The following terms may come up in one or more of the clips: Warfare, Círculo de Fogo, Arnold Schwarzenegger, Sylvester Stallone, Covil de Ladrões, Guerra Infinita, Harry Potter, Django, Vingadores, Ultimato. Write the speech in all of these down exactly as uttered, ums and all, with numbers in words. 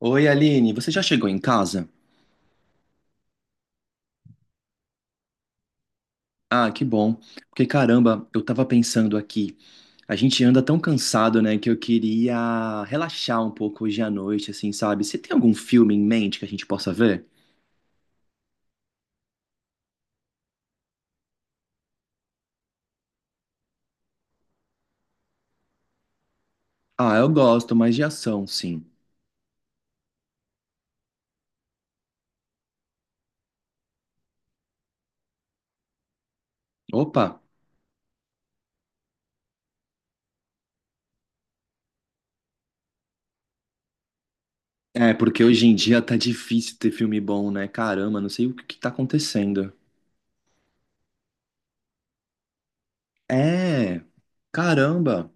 Oi, Aline, você já chegou em casa? Ah, que bom. Porque caramba, eu tava pensando aqui. A gente anda tão cansado, né, que eu queria relaxar um pouco hoje à noite, assim, sabe? Você tem algum filme em mente que a gente possa ver? Ah, eu gosto, mas de ação, sim. Opa! É, porque hoje em dia tá difícil ter filme bom, né? Caramba, não sei o que que tá acontecendo. É, caramba.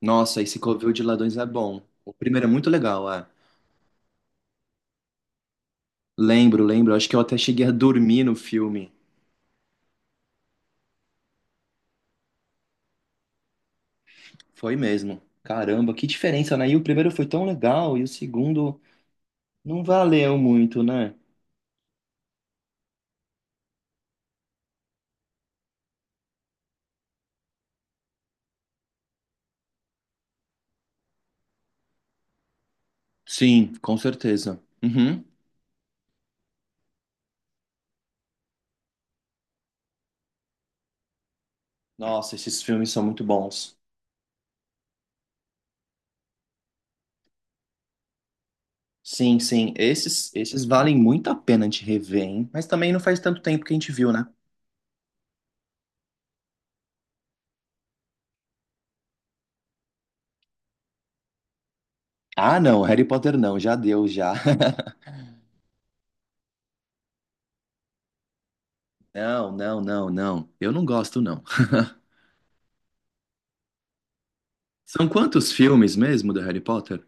Nossa, esse Covil de Ladrões é bom. O primeiro é muito legal, é. Lembro, lembro. Acho que eu até cheguei a dormir no filme. Foi mesmo. Caramba, que diferença, né? E o primeiro foi tão legal e o segundo não valeu muito, né? Sim, com certeza. Uhum. Nossa, esses filmes são muito bons. Sim, sim, esses, esses valem muito a pena de rever, hein? Mas também não faz tanto tempo que a gente viu, né? Ah, não, Harry Potter não, já deu, já. Não, não, não, não. Eu não gosto, não. São quantos filmes mesmo do Harry Potter?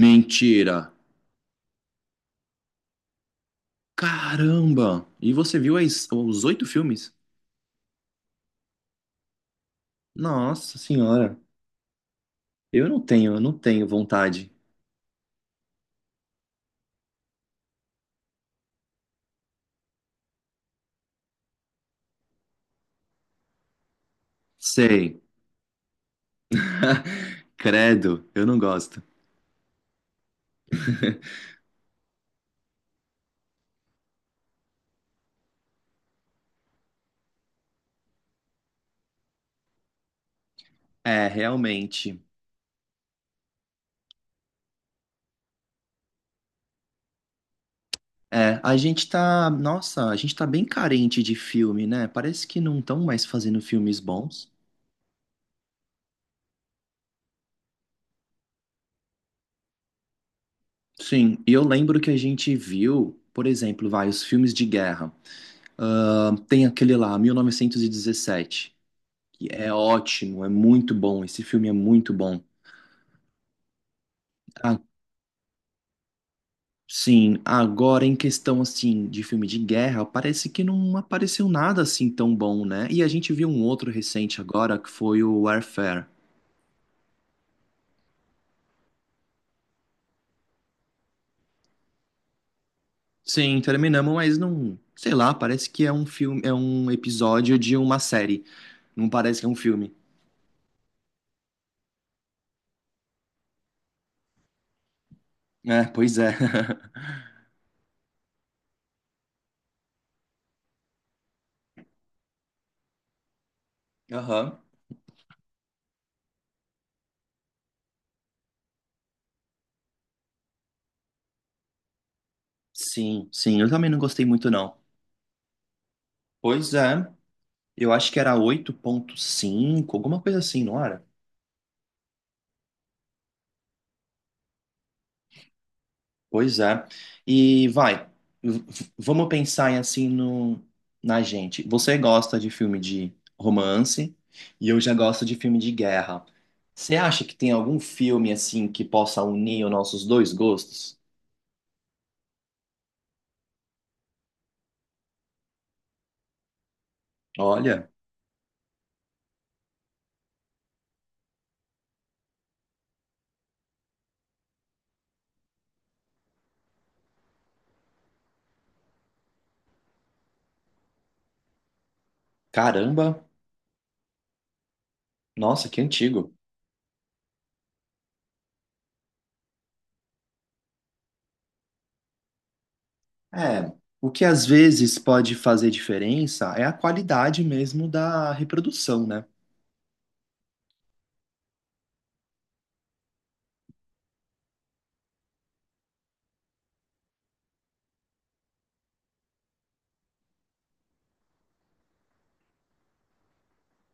Mentira! Caramba! E você viu as- os oito filmes? Nossa senhora! Eu não tenho, eu não tenho vontade. Sei. Credo, eu não gosto. É, realmente. É, a gente tá, nossa, a gente tá bem carente de filme, né? Parece que não estão mais fazendo filmes bons. Sim, e eu lembro que a gente viu, por exemplo, vai, os filmes de guerra. Ah, tem aquele lá, mil novecentos e dezessete, que é ótimo, é muito bom, esse filme é muito bom. Ah, sim, agora em questão assim de filme de guerra, parece que não apareceu nada assim tão bom, né? E a gente viu um outro recente agora que foi o Warfare. Sim, terminamos, mas não, sei lá, parece que é um filme, é um episódio de uma série. Não parece que é um filme. É, pois é. Aham. Sim, sim, eu também não gostei muito não. Pois é, eu acho que era oito ponto cinco alguma coisa assim, não era? Pois é. E vai, v- v- vamos pensar em, assim no, na gente. Você gosta de filme de romance e eu já gosto de filme de guerra. Você acha que tem algum filme assim que possa unir os nossos dois gostos? Olha, caramba, nossa, que antigo. É, o que às vezes pode fazer diferença é a qualidade mesmo da reprodução, né?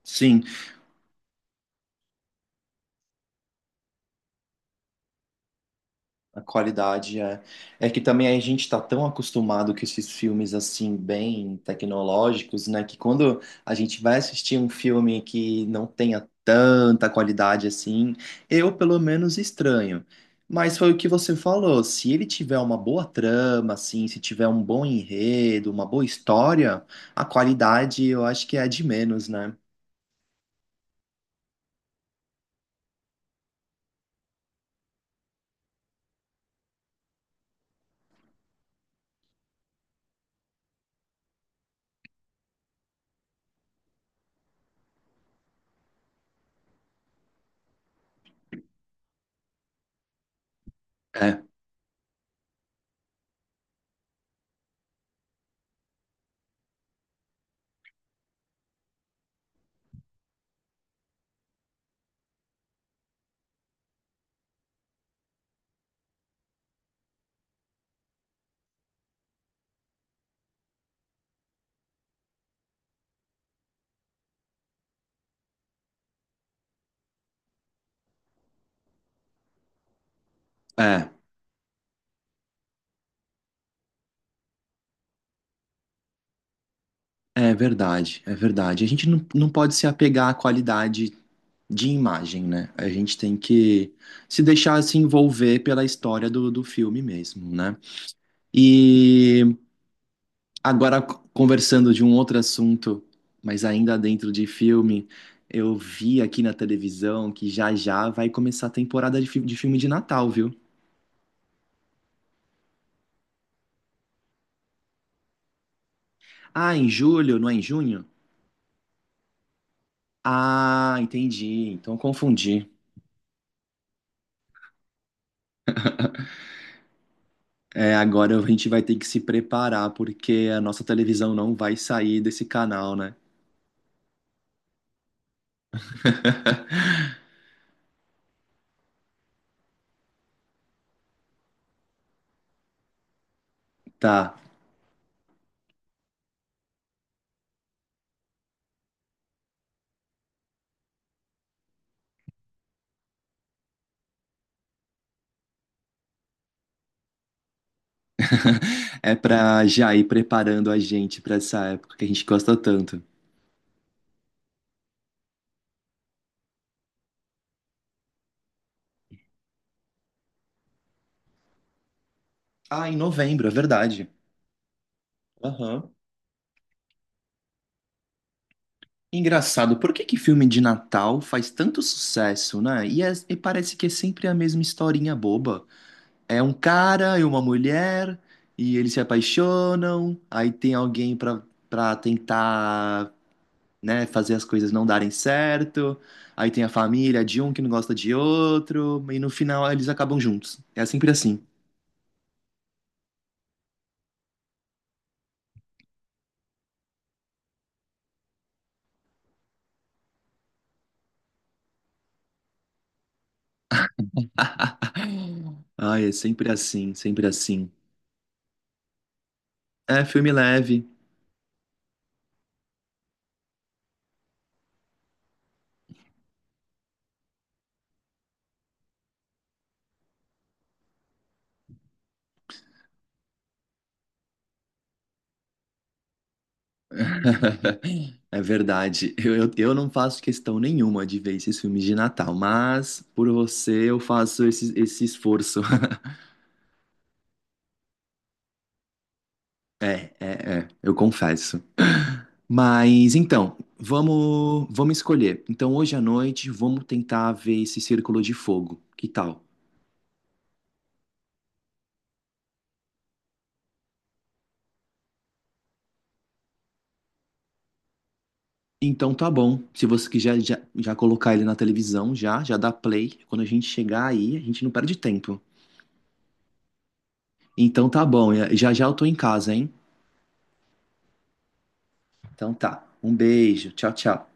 Sim, a qualidade é. É que também a gente está tão acostumado com esses filmes assim, bem tecnológicos, né? Que quando a gente vai assistir um filme que não tenha tanta qualidade assim, eu pelo menos estranho. Mas foi o que você falou, se ele tiver uma boa trama, assim, se tiver um bom enredo, uma boa história, a qualidade eu acho que é a de menos, né? É, é, é verdade, é verdade. A gente não, não pode se apegar à qualidade de imagem, né? A gente tem que se deixar se envolver pela história do, do filme mesmo, né? E agora, conversando de um outro assunto, mas ainda dentro de filme, eu vi aqui na televisão que já já vai começar a temporada de, fi- de filme de Natal, viu? Ah, em julho, não é em junho? Ah, entendi. Então confundi. É, agora a gente vai ter que se preparar, porque a nossa televisão não vai sair desse canal, né? Tá. É pra já ir preparando a gente pra essa época que a gente gosta tanto. Ah, em novembro, é verdade. Aham. Engraçado, por que que filme de Natal faz tanto sucesso, né? E, é- e parece que é sempre a mesma historinha boba. É um cara e uma mulher, e eles se apaixonam, aí tem alguém pra, pra, tentar, né, fazer as coisas não darem certo, aí tem a família de um que não gosta de outro, e no final eles acabam juntos. É sempre assim. Ai, é sempre assim, sempre assim. É filme leve. É verdade. Eu, eu, eu não faço questão nenhuma de ver esses filmes de Natal, mas por você eu faço esse, esse esforço. É, é, é, eu confesso. Mas então, vamos, vamos escolher. Então, hoje à noite, vamos tentar ver esse Círculo de Fogo. Que tal? Então, tá bom. Se você quiser já, já colocar ele na televisão, já, já dá play. Quando a gente chegar aí, a gente não perde tempo. Então tá bom, já já eu tô em casa, hein? Então tá. Um beijo. Tchau, tchau.